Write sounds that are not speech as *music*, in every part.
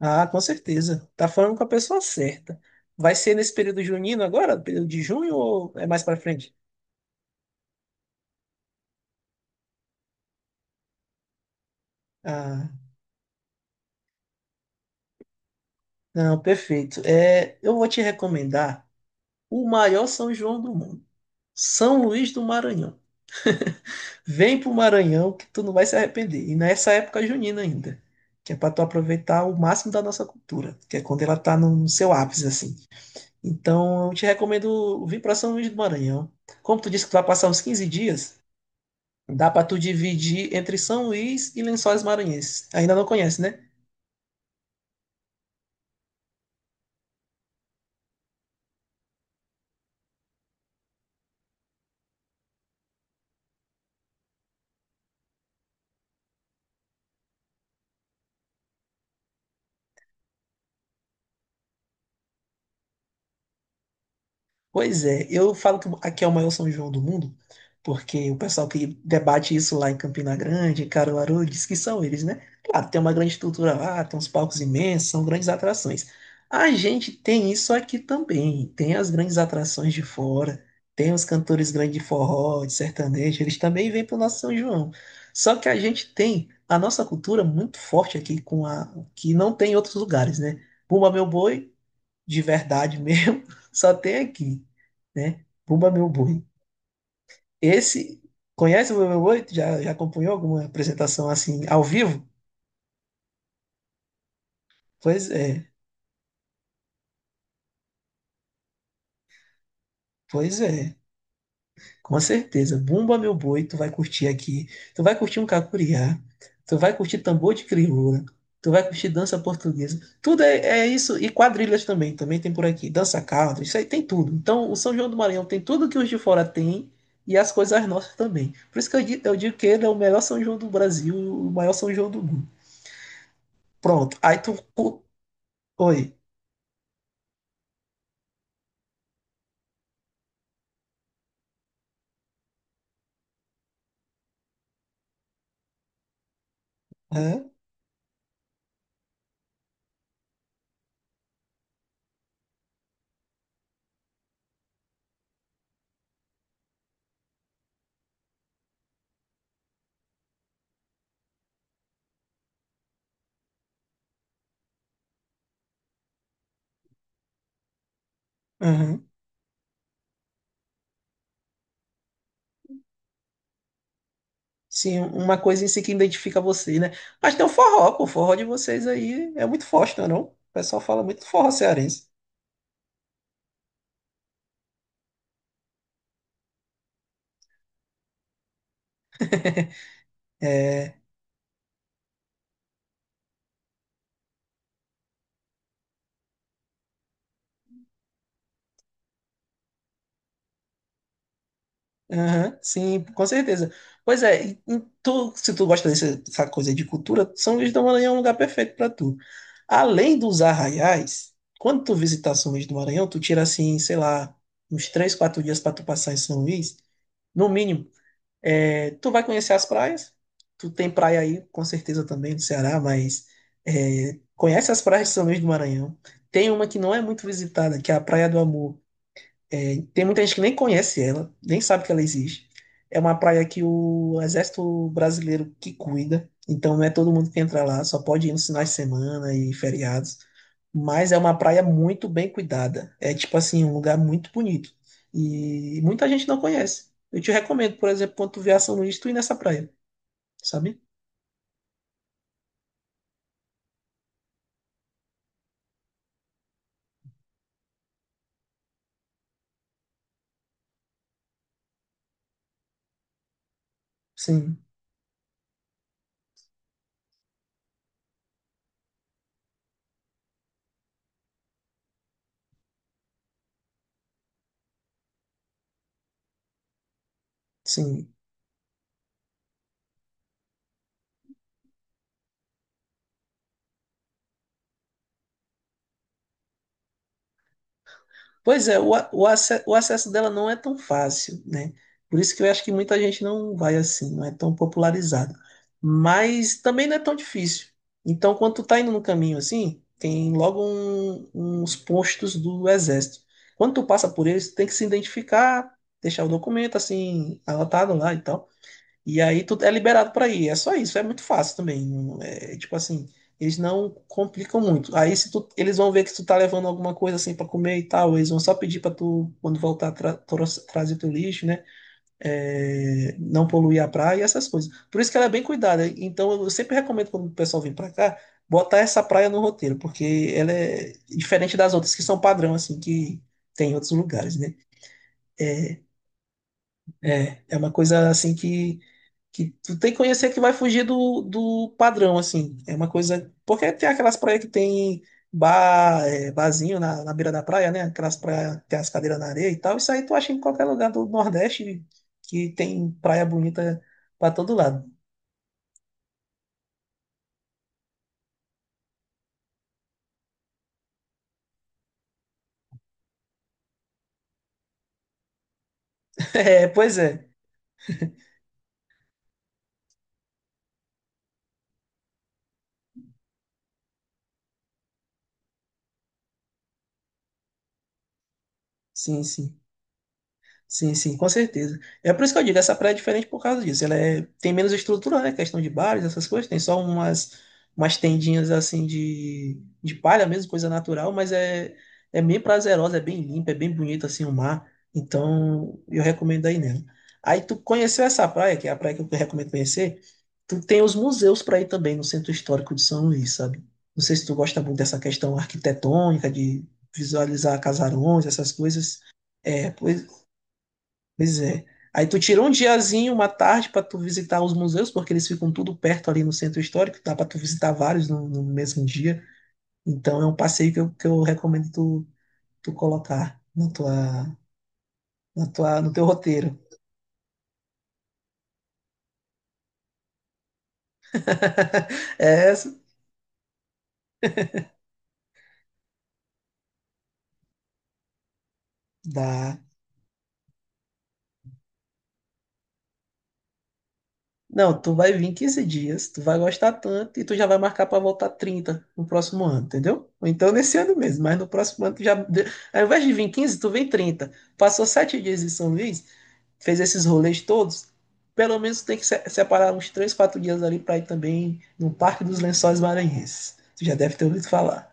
Ah, com certeza. Tá falando com a pessoa certa. Vai ser nesse período junino agora? Período de junho ou é mais pra frente? Ah, não, perfeito. É, eu vou te recomendar o maior São João do mundo, São Luís do Maranhão. *laughs* Vem pro Maranhão que tu não vai se arrepender. E nessa época junina ainda, que é para tu aproveitar o máximo da nossa cultura, que é quando ela tá no seu ápice assim. Então, eu te recomendo vir para São Luís do Maranhão. Como tu disse que tu vai passar uns 15 dias, dá pra tu dividir entre São Luís e Lençóis Maranhenses. Ainda não conhece, né? Pois é, eu falo que aqui é o maior São João do mundo, porque o pessoal que debate isso lá em Campina Grande, em Caruaru, diz que são eles, né? Claro, tem uma grande estrutura lá, tem uns palcos imensos, são grandes atrações. A gente tem isso aqui também, tem as grandes atrações de fora, tem os cantores grandes de forró, de sertanejo, eles também vêm para o nosso São João. Só que a gente tem a nossa cultura muito forte aqui, com a, que não tem em outros lugares, né? Bumba Meu Boi de verdade mesmo, *laughs* só tem aqui, né? Bumba Meu Boi. Esse, conhece o Bumba Meu Boi? Já, já acompanhou alguma apresentação assim, ao vivo? Pois é, pois é. Com certeza. Bumba Meu Boi, tu vai curtir aqui. Tu vai curtir um cacuriá. Tu vai curtir tambor de crioula. Tu vai curtir dança portuguesa. Tudo é, é isso. E quadrilhas também. Também tem por aqui. Dança caldo. Isso aí tem tudo. Então, o São João do Maranhão tem tudo que os de fora têm. E as coisas nossas também. Por isso que eu digo que ele é o melhor São João do Brasil. O maior São João do mundo. Pronto. Aí tu... Oi. Hã? Aham. Sim, uma coisa em si que identifica vocês, né? Mas tem o forró, pô. O forró de vocês aí é muito forte, não é não? O pessoal fala muito do forró cearense. *laughs* É, aham, sim, com certeza. Pois é, e tu, se tu gosta dessa coisa de cultura, São Luís do Maranhão é um lugar perfeito para tu. Além dos arraiais, quando tu visitar São Luís do Maranhão, tu tira assim, sei lá, uns três, quatro dias para tu passar em São Luís, no mínimo. É, tu vai conhecer as praias. Tu tem praia aí, com certeza também, do Ceará, mas é, conhece as praias de São Luís do Maranhão. Tem uma que não é muito visitada, que é a Praia do Amor. Tem muita gente que nem conhece ela, nem sabe que ela existe. É uma praia que o Exército Brasileiro que cuida, então não é todo mundo que entra lá, só pode ir nos finais de semana e feriados. Mas é uma praia muito bem cuidada. É tipo assim, um lugar muito bonito. E muita gente não conhece. Eu te recomendo, por exemplo, quando tu vier a São Luís, tu ir nessa praia, sabe? Sim, sim. Pois é, o acesso dela não é tão fácil, né? Por isso que eu acho que muita gente não vai assim, não é tão popularizado. Mas também não é tão difícil. Então, quando tu tá indo no caminho assim, tem logo uns postos do exército. Quando tu passa por eles, tu tem que se identificar, deixar o documento assim, anotado lá e tal. E aí tu é liberado para ir. É só isso, é muito fácil também. É, tipo assim, eles não complicam muito. Aí se tu, eles vão ver que tu tá levando alguma coisa assim para comer e tal, eles vão só pedir para tu, quando voltar, trazer teu lixo, né? É, não poluir a praia e essas coisas. Por isso que ela é bem cuidada. Então eu sempre recomendo quando o pessoal vem para cá, botar essa praia no roteiro, porque ela é diferente das outras que são padrão, assim, que tem em outros lugares, né? É, é uma coisa assim que tu tem que conhecer que vai fugir do, do padrão, assim. É uma coisa. Porque tem aquelas praias que tem bar, é, barzinho na, na beira da praia, né? Aquelas praias que tem as cadeiras na areia e tal. Isso aí tu acha em qualquer lugar do Nordeste que tem praia bonita pra todo lado. *laughs* É, pois é. Sim, sim. Sim, sim, com certeza. É por isso que eu digo, essa praia é diferente por causa disso. Ela é, tem menos estrutura, né? Questão de bares, essas coisas. Tem só umas, umas tendinhas assim de palha mesmo, coisa natural, mas é, é bem prazerosa, é bem limpa, é bem bonito assim o mar. Então, eu recomendo aí nela. Aí tu conheceu essa praia, que é a praia que eu recomendo conhecer, tu tem os museus para ir também no Centro Histórico de São Luís, sabe? Não sei se tu gosta muito dessa questão arquitetônica, de visualizar casarões, essas coisas. É, pois Pois é. Aí tu tira um diazinho, uma tarde para tu visitar os museus, porque eles ficam tudo perto ali no centro histórico, dá para tu visitar vários no mesmo dia. Então é um passeio que eu recomendo tu, tu colocar na tua, no teu roteiro. *laughs* É, dá. Não, tu vai vir quinze dias, tu vai gostar tanto e tu já vai marcar para voltar 30 no próximo ano, entendeu? Ou então nesse ano mesmo, mas no próximo ano tu já. Ao invés de vir 15 tu vem 30. Passou 7 dias em São Luís, fez esses rolês todos, pelo menos tem que separar uns três, 4 dias ali para ir também no Parque dos Lençóis Maranhenses. Tu já deve ter ouvido falar.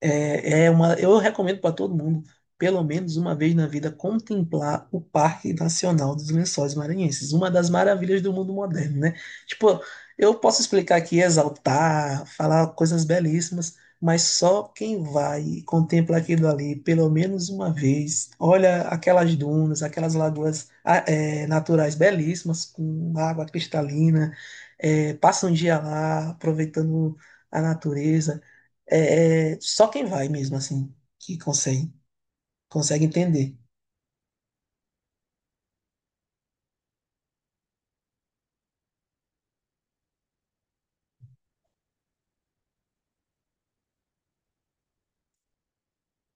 É, é uma, eu recomendo para todo mundo, pelo menos uma vez na vida, contemplar o Parque Nacional dos Lençóis Maranhenses, uma das maravilhas do mundo moderno, né? Tipo, eu posso explicar aqui, exaltar, falar coisas belíssimas, mas só quem vai e contempla aquilo ali pelo menos uma vez, olha aquelas dunas, aquelas lagoas naturais belíssimas, com água cristalina, passa um dia lá aproveitando a natureza. É, é só quem vai mesmo, assim, consegue entender.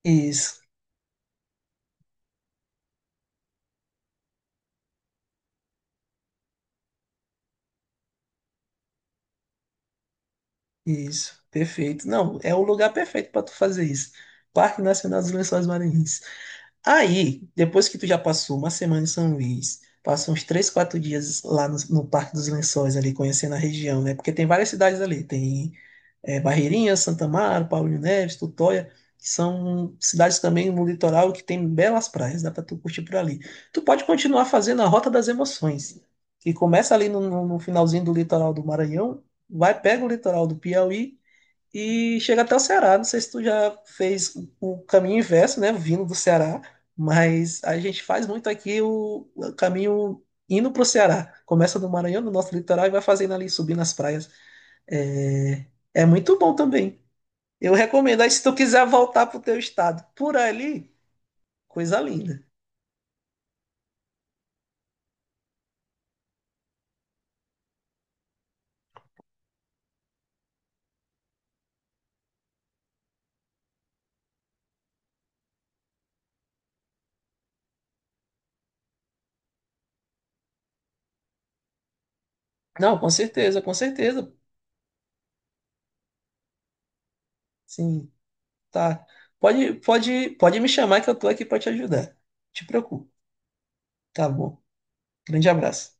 Isso, isso, perfeito. Não, é o lugar perfeito para tu fazer isso. Parque Nacional dos Lençóis Maranhenses. Aí, depois que tu já passou uma semana em São Luís, passa uns três, quatro dias lá no Parque dos Lençóis, ali, conhecendo a região, né? Porque tem várias cidades ali. Tem é, Barreirinhas, Santa Amaro, Paulino Neves, Tutóia, que são cidades também no litoral que tem belas praias, dá para tu curtir por ali. Tu pode continuar fazendo a Rota das Emoções, que começa ali no finalzinho do litoral do Maranhão, vai, pega o litoral do Piauí e chega até o Ceará. Não sei se tu já fez o caminho inverso, né, vindo do Ceará, mas a gente faz muito aqui o caminho indo para o Ceará. Começa no Maranhão, no nosso litoral, e vai fazendo ali, subindo as praias. É, é muito bom também. Eu recomendo. Aí, se tu quiser voltar pro teu estado por ali, coisa linda. Não, com certeza, com certeza. Sim, tá. Pode me chamar que eu tô aqui pra te ajudar. Te preocupo. Tá bom. Grande abraço.